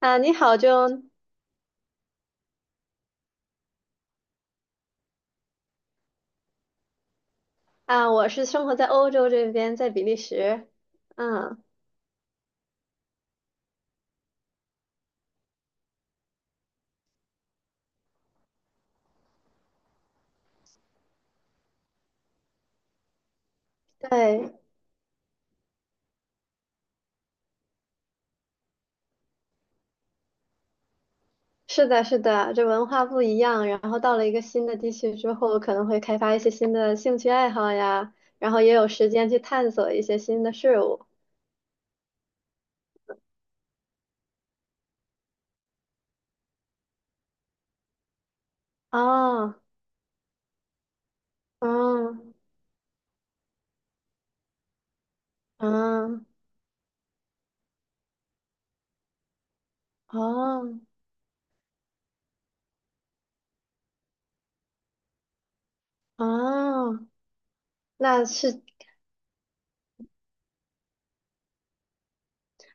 啊，你好 j o 啊，我是生活在欧洲这边，在比利时。嗯，对，是的，是的，这文化不一样。然后到了一个新的地区之后，可能会开发一些新的兴趣爱好呀，然后也有时间去探索一些新的事物。哦，嗯，嗯，嗯哦，哦，那是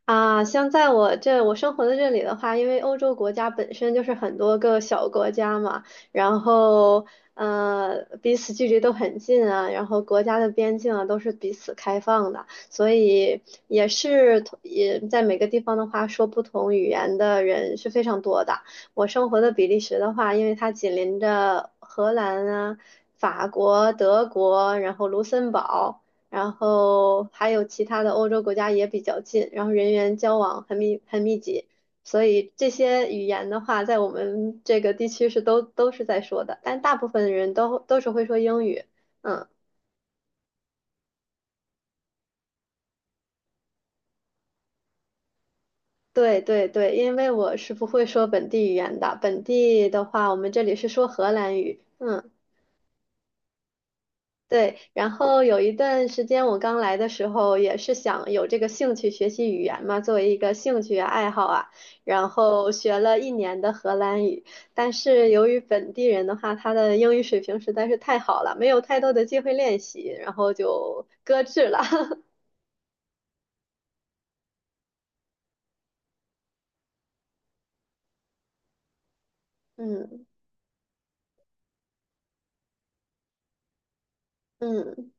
啊，像在我生活的这里的话，因为欧洲国家本身就是很多个小国家嘛，然后彼此距离都很近啊，然后国家的边境啊都是彼此开放的，所以也是同也在每个地方的话，说不同语言的人是非常多的。我生活的比利时的话，因为它紧邻着荷兰啊、法国、德国，然后卢森堡。然后还有其他的欧洲国家也比较近，然后人员交往很密集，所以这些语言的话，在我们这个地区是都是在说的，但大部分人都是会说英语。嗯，对对对，因为我是不会说本地语言的，本地的话，我们这里是说荷兰语。嗯。对，然后有一段时间我刚来的时候，也是想有这个兴趣学习语言嘛，作为一个兴趣啊爱好啊，然后学了1年的荷兰语，但是由于本地人的话，他的英语水平实在是太好了，没有太多的机会练习，然后就搁置了。嗯嗯。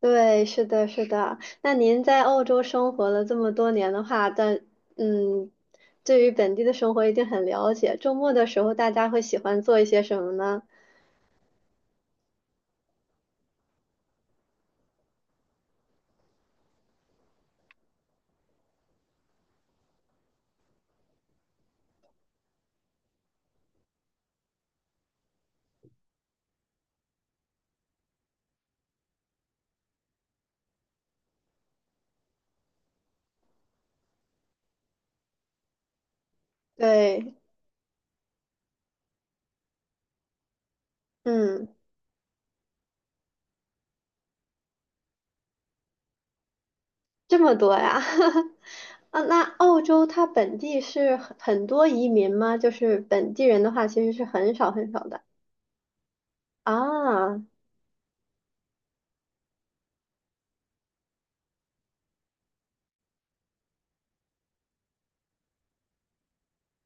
对，是的，是的。那您在澳洲生活了这么多年的话，但嗯，对于本地的生活一定很了解。周末的时候，大家会喜欢做一些什么呢？对，嗯，这么多呀。啊，那澳洲它本地是很多移民吗？就是本地人的话，其实是很少很少的啊。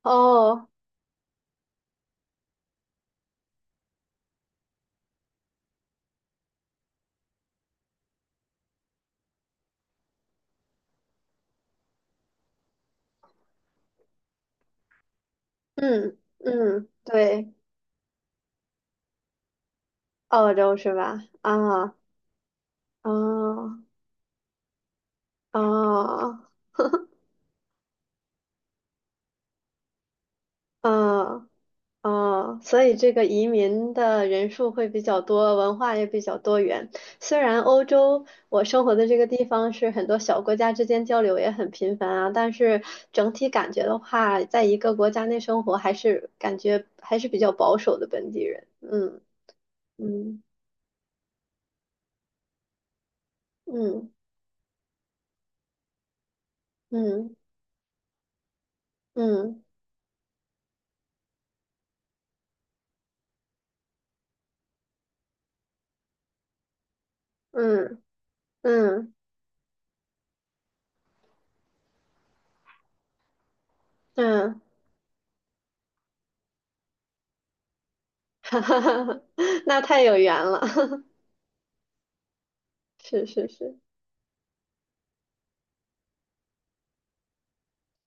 哦，嗯嗯，对，澳洲是吧？啊，啊啊啊。嗯哦，所以这个移民的人数会比较多，文化也比较多元。虽然欧洲我生活的这个地方是很多小国家之间交流也很频繁啊，但是整体感觉的话，在一个国家内生活还是感觉还是比较保守的本地人。嗯嗯嗯嗯嗯嗯嗯嗯，哈哈哈哈，那太有缘了，是是是。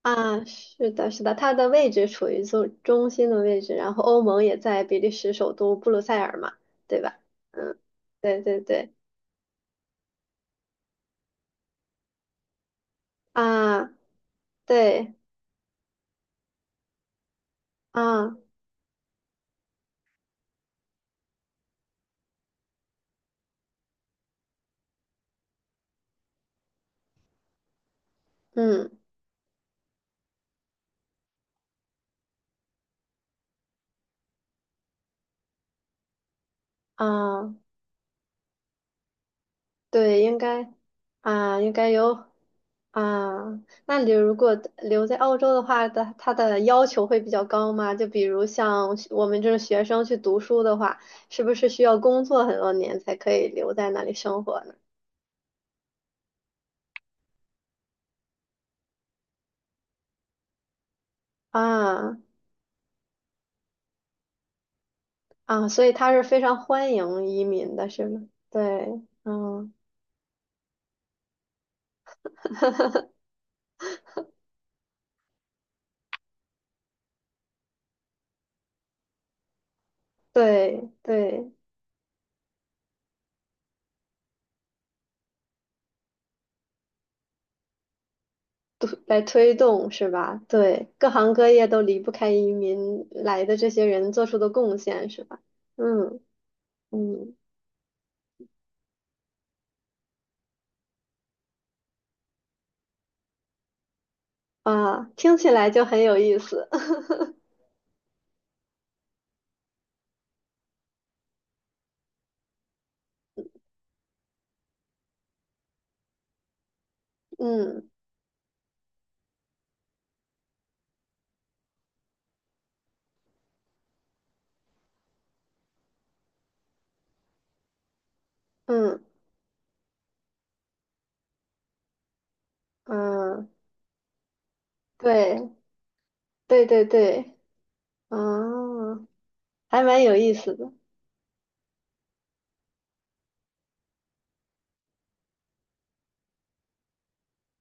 啊，是的，是的，它的位置处于中心的位置，然后欧盟也在比利时首都布鲁塞尔嘛，对吧？嗯，对对对，啊，对啊，嗯啊，对，应该啊，应该有啊。那你如果留在澳洲的话，的它的要求会比较高吗？就比如像我们这种学生去读书的话，是不是需要工作很多年才可以留在那里生活呢？啊啊，所以他是非常欢迎移民的，是吗？对，嗯，对对，推动是吧？对，各行各业都离不开移民来的这些人做出的贡献是吧？嗯嗯，啊，听起来就很有意思。嗯嗯嗯，对对对对，啊，还蛮有意思的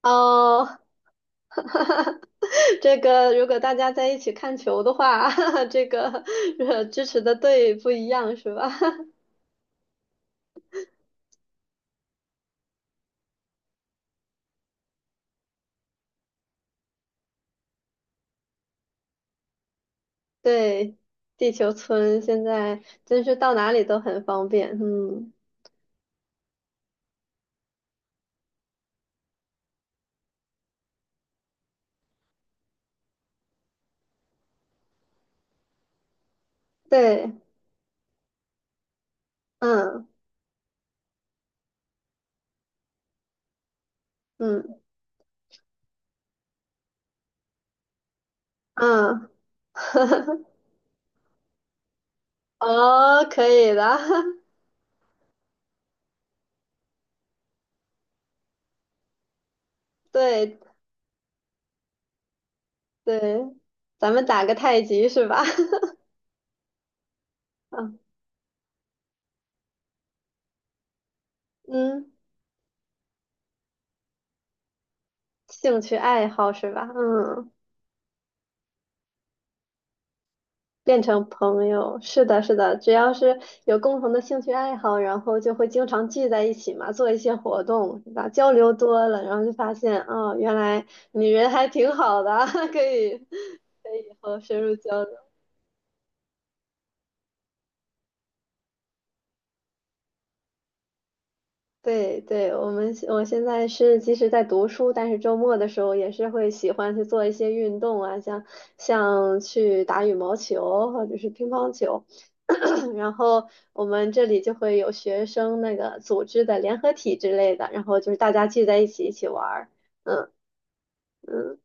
哦。这个如果大家在一起看球的话，这个支持的队不一样是吧？对，地球村现在真是到哪里都很方便。嗯，对，嗯嗯嗯，哦，可以的，对对，咱们打个太极是吧？嗯，兴趣爱好是吧？嗯。变成朋友，是的，是的，只要是有共同的兴趣爱好，然后就会经常聚在一起嘛，做一些活动，对吧？交流多了，然后就发现，哦，原来你人还挺好的，可以，可以以后深入交流。对对，我现在是即使在读书，但是周末的时候也是会喜欢去做一些运动啊，像去打羽毛球或者是乒乓球。然后我们这里就会有学生那个组织的联合体之类的，然后就是大家聚在一起玩儿。嗯嗯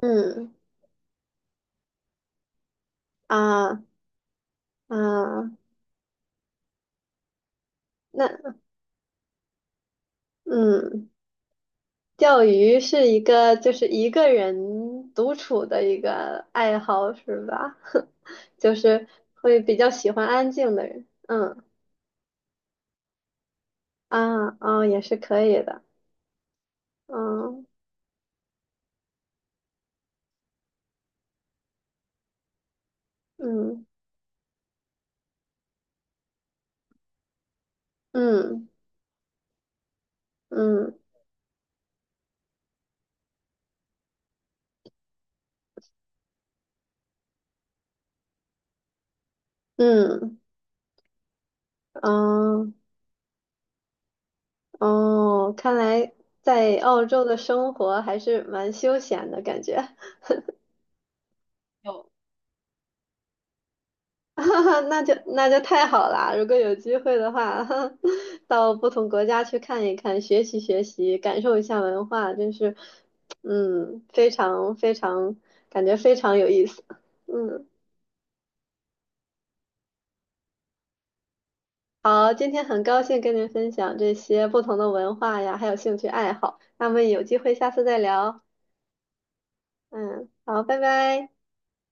嗯啊啊，那嗯。钓鱼是一个人独处的一个爱好是吧？就是会比较喜欢安静的人，嗯啊哦也是可以的，嗯嗯嗯嗯嗯嗯哦，看来在澳洲的生活还是蛮休闲的感觉，那就太好啦！如果有机会的话，到不同国家去看一看，学习学习，感受一下文化，真是，嗯，非常非常，感觉非常有意思。嗯，好，今天很高兴跟您分享这些不同的文化呀，还有兴趣爱好。那么有机会下次再聊。嗯，好，拜拜。